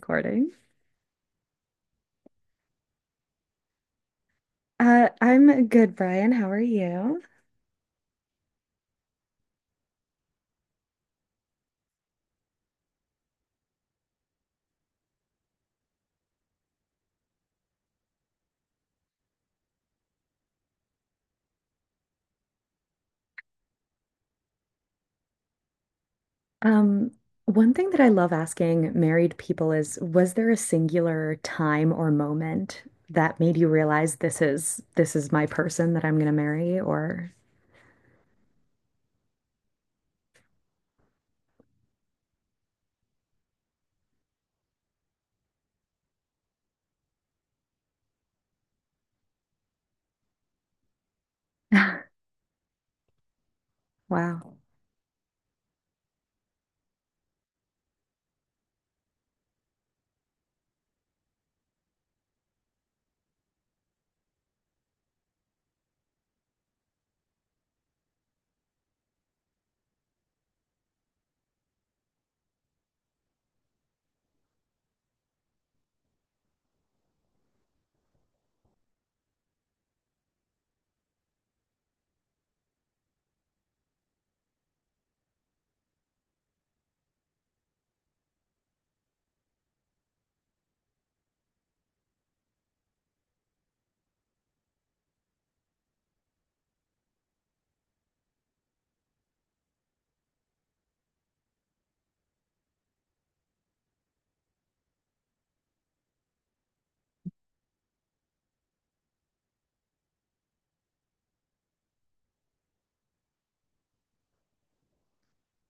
Recording. I'm good, Brian. How are you? Um, One thing that I love asking married people is, was there a singular time or moment that made you realize this is my person that I'm gonna marry? Or wow.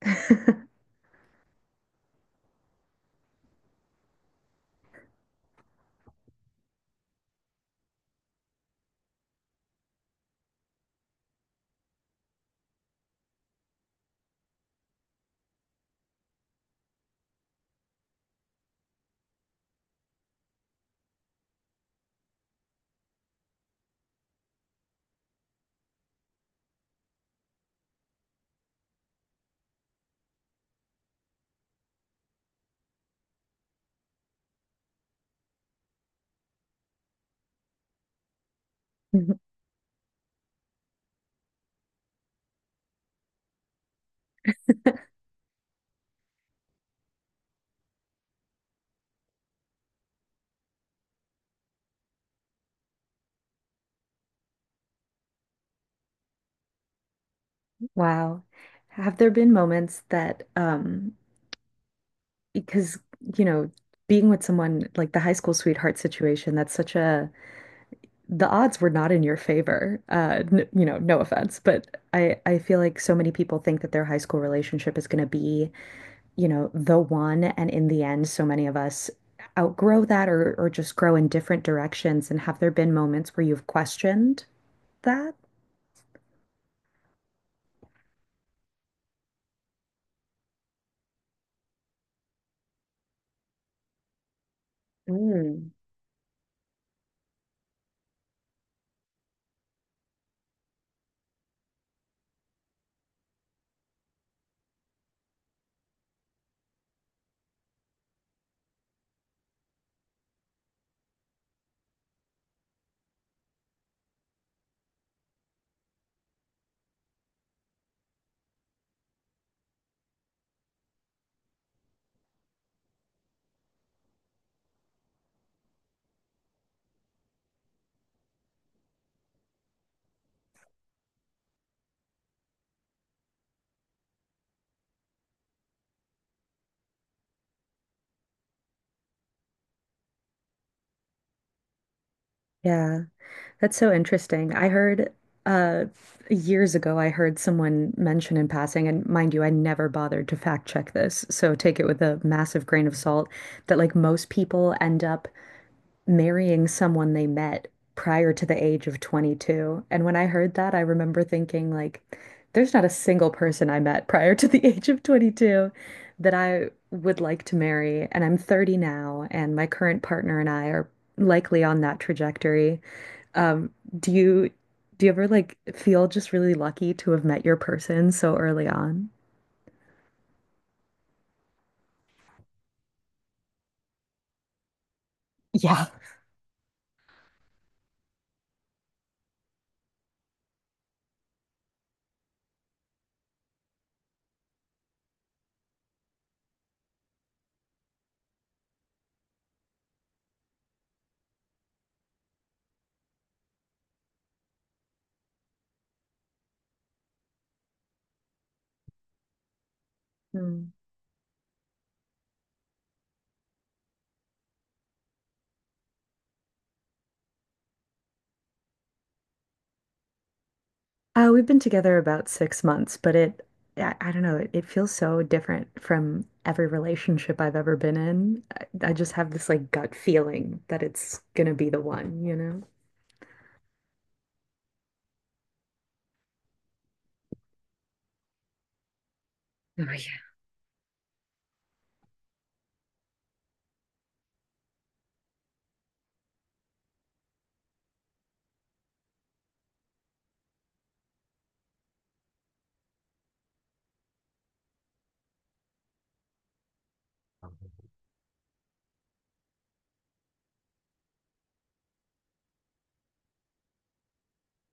Wow. Have there been moments that because, you know, being with someone like the high school sweetheart situation, that's such a the odds were not in your favor. N You know, no offense, but I feel like so many people think that their high school relationship is going to be, you know, the one, and in the end, so many of us outgrow that or just grow in different directions. And have there been moments where you've questioned that? Mm. Yeah, that's so interesting. I heard uh years ago I heard someone mention in passing, and mind you, I never bothered to fact check this, so take it with a massive grain of salt, that like most people end up marrying someone they met prior to the age of 22. And when I heard that, I remember thinking like there's not a single person I met prior to the age of 22 that I would like to marry, and I'm 30 now, and my current partner and I are likely on that trajectory. Um, do you do you ever like feel just really lucky to have met your person so early on? Yeah. Hmm. We've been together about 6 months, but I don't know, it feels so different from every relationship I've ever been in. I just have this like gut feeling that it's gonna be the one, you know? Oh, yeah.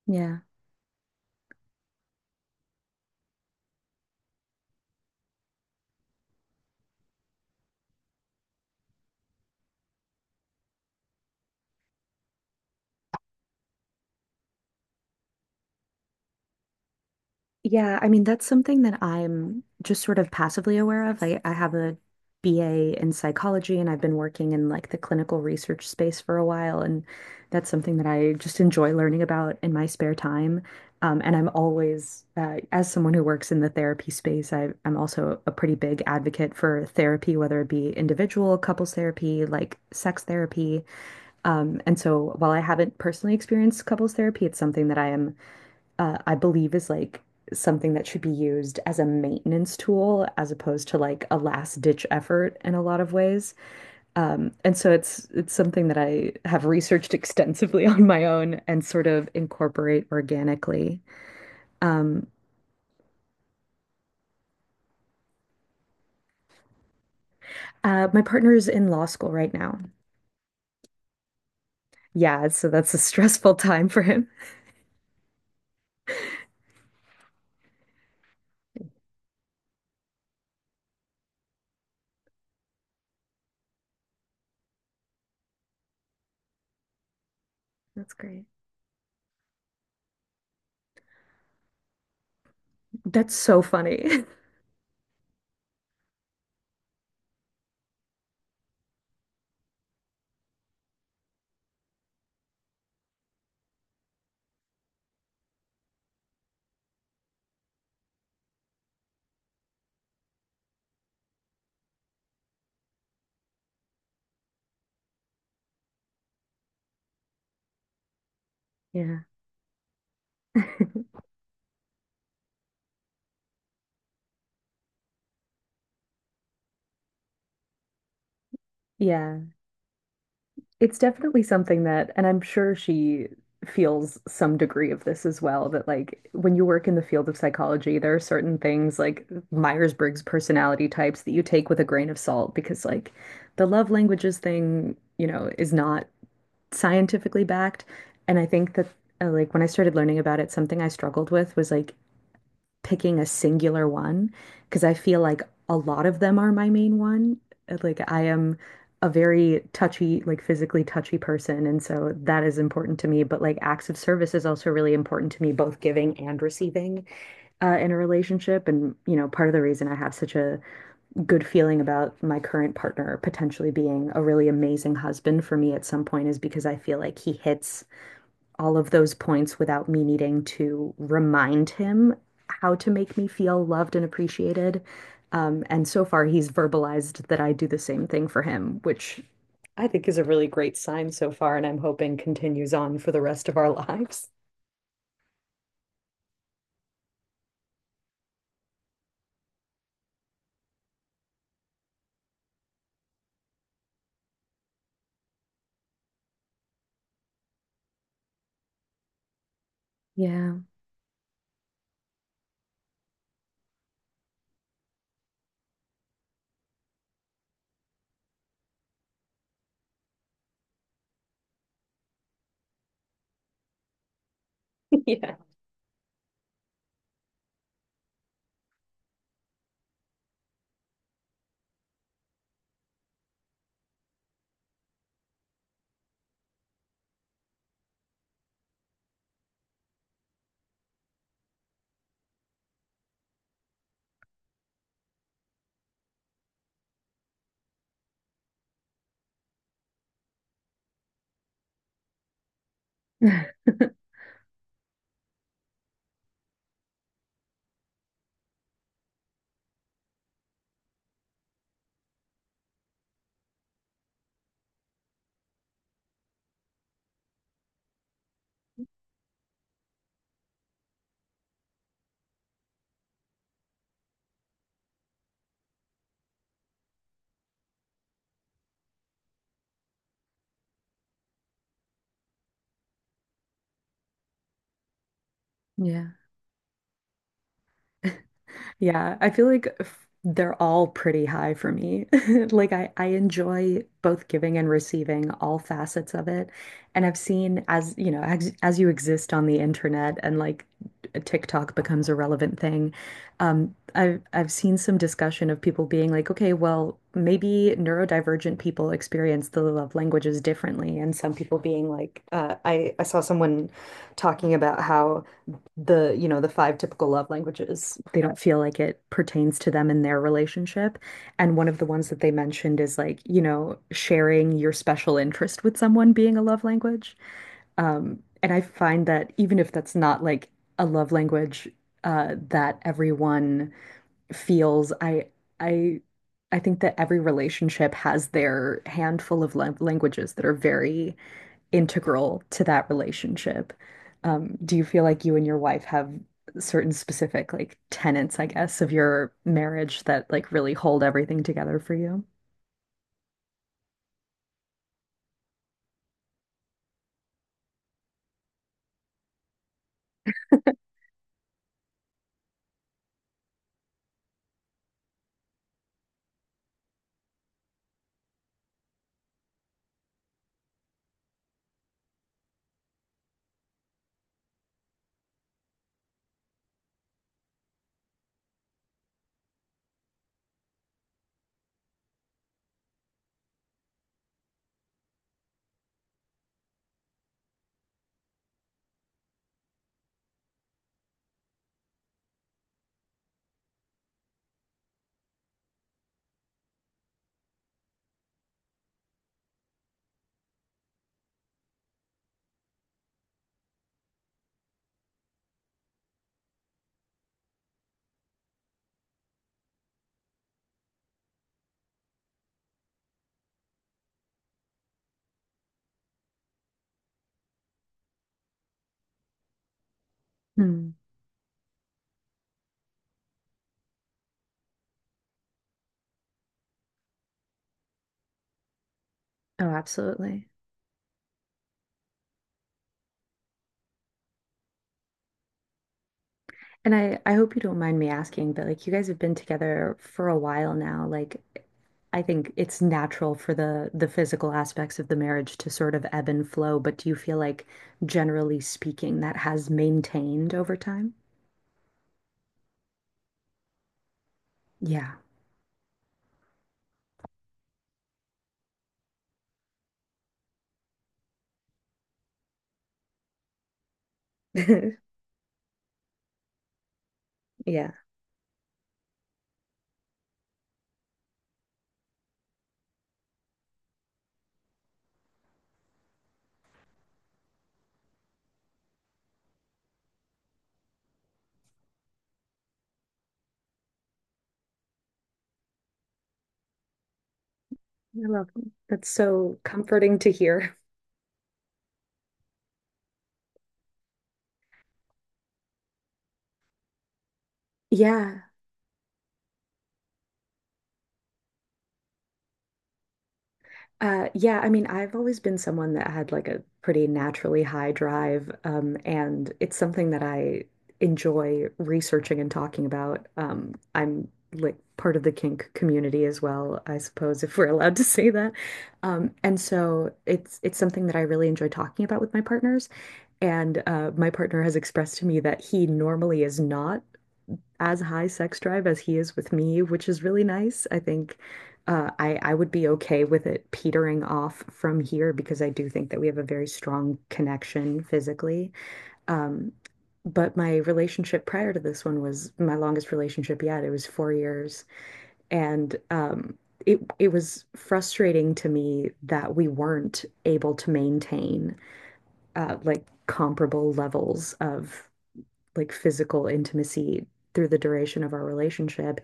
Yeah. Yeah, I mean, that's something that I'm just sort of passively aware of. I have a BA in psychology and I've been working in like the clinical research space for a while. And that's something that I just enjoy learning about in my spare time. And I'm always, as someone who works in the therapy space, I'm also a pretty big advocate for therapy, whether it be individual, couples therapy, like sex therapy. And so while I haven't personally experienced couples therapy, it's something that I am I believe is like something that should be used as a maintenance tool as opposed to like a last ditch effort in a lot of ways. And so it's something that I have researched extensively on my own and sort of incorporate organically. Um, my partner is in law school right now. Yeah, so that's a stressful time for him. That's great. That's so funny. Yeah. Yeah. It's definitely something that, and I'm sure she feels some degree of this as well, that like when you work in the field of psychology, there are certain things like Myers-Briggs personality types that you take with a grain of salt because like the love languages thing, you know, is not scientifically backed. And I think that like when I started learning about it, something I struggled with was like picking a singular one because I feel like a lot of them are my main one. Like I am a very touchy, like physically touchy person, and so that is important to me. But like acts of service is also really important to me, both giving and receiving in a relationship. And you know, part of the reason I have such a good feeling about my current partner potentially being a really amazing husband for me at some point is because I feel like he hits all of those points without me needing to remind him how to make me feel loved and appreciated. And so far, he's verbalized that I do the same thing for him, which I think is a really great sign so far, and I'm hoping continues on for the rest of our lives. Yeah. Yeah. Yeah. Yeah, I feel like they're all pretty high for me. Like I enjoy both giving and receiving all facets of it. And I've seen as, you know, as you exist on the internet and like TikTok becomes a relevant thing, I've seen some discussion of people being like, okay, well, maybe neurodivergent people experience the love languages differently. And some people being like, I saw someone talking about how you know, the five typical love languages. They don't feel like it pertains to them in their relationship. And one of the ones that they mentioned is like, you know, sharing your special interest with someone being a love language. And I find that even if that's not like a love language that everyone feels, I, I think that every relationship has their handful of languages that are very integral to that relationship. Do you feel like you and your wife have certain specific like tenets, I guess, of your marriage that like really hold everything together for you? Hmm. Oh, absolutely. And I hope you don't mind me asking, but like you guys have been together for a while now. Like I think it's natural for the physical aspects of the marriage to sort of ebb and flow, but do you feel like generally speaking that has maintained over time? Yeah. Yeah. I love them. That's so comforting to hear. Yeah. Yeah, I mean, I've always been someone that had like a pretty naturally high drive, and it's something that I enjoy researching and talking about. I'm like part of the kink community as well, I suppose, if we're allowed to say that. And so it's something that I really enjoy talking about with my partners. And my partner has expressed to me that he normally is not as high sex drive as he is with me, which is really nice. I think I would be okay with it petering off from here because I do think that we have a very strong connection physically. Um, but my relationship prior to this one was my longest relationship yet. It was 4 years, and it was frustrating to me that we weren't able to maintain like comparable levels of like physical intimacy through the duration of our relationship.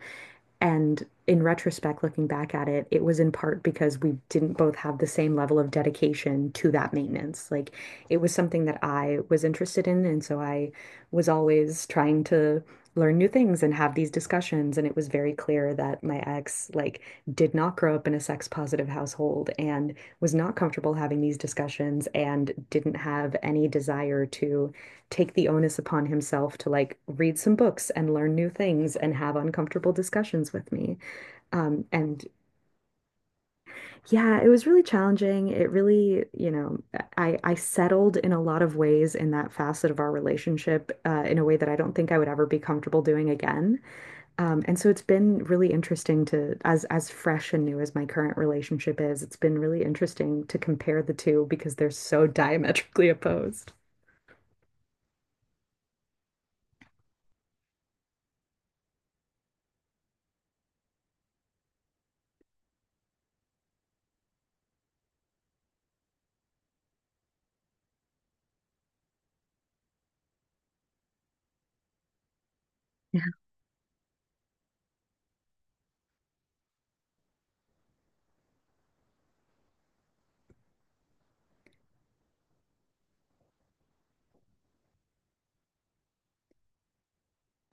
And in retrospect, looking back at it, it was in part because we didn't both have the same level of dedication to that maintenance. Like it was something that I was interested in. And so I was always trying to learn new things and have these discussions. And it was very clear that my ex, like, did not grow up in a sex positive household and was not comfortable having these discussions and didn't have any desire to take the onus upon himself to like read some books and learn new things and have uncomfortable discussions with me. And yeah, it was really challenging. It really, you know, I settled in a lot of ways in that facet of our relationship in a way that I don't think I would ever be comfortable doing again. And so it's been really interesting to, as fresh and new as my current relationship is, it's been really interesting to compare the two because they're so diametrically opposed. Yeah.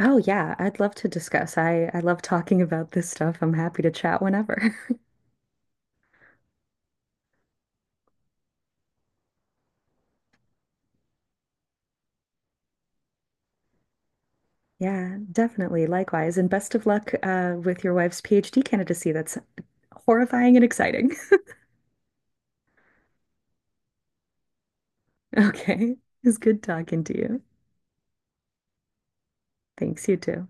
Oh yeah, I'd love to discuss. I love talking about this stuff. I'm happy to chat whenever. Yeah, definitely. Likewise, and best of luck with your wife's PhD candidacy. That's horrifying and exciting. Okay. It's good talking to you. Thanks, you too.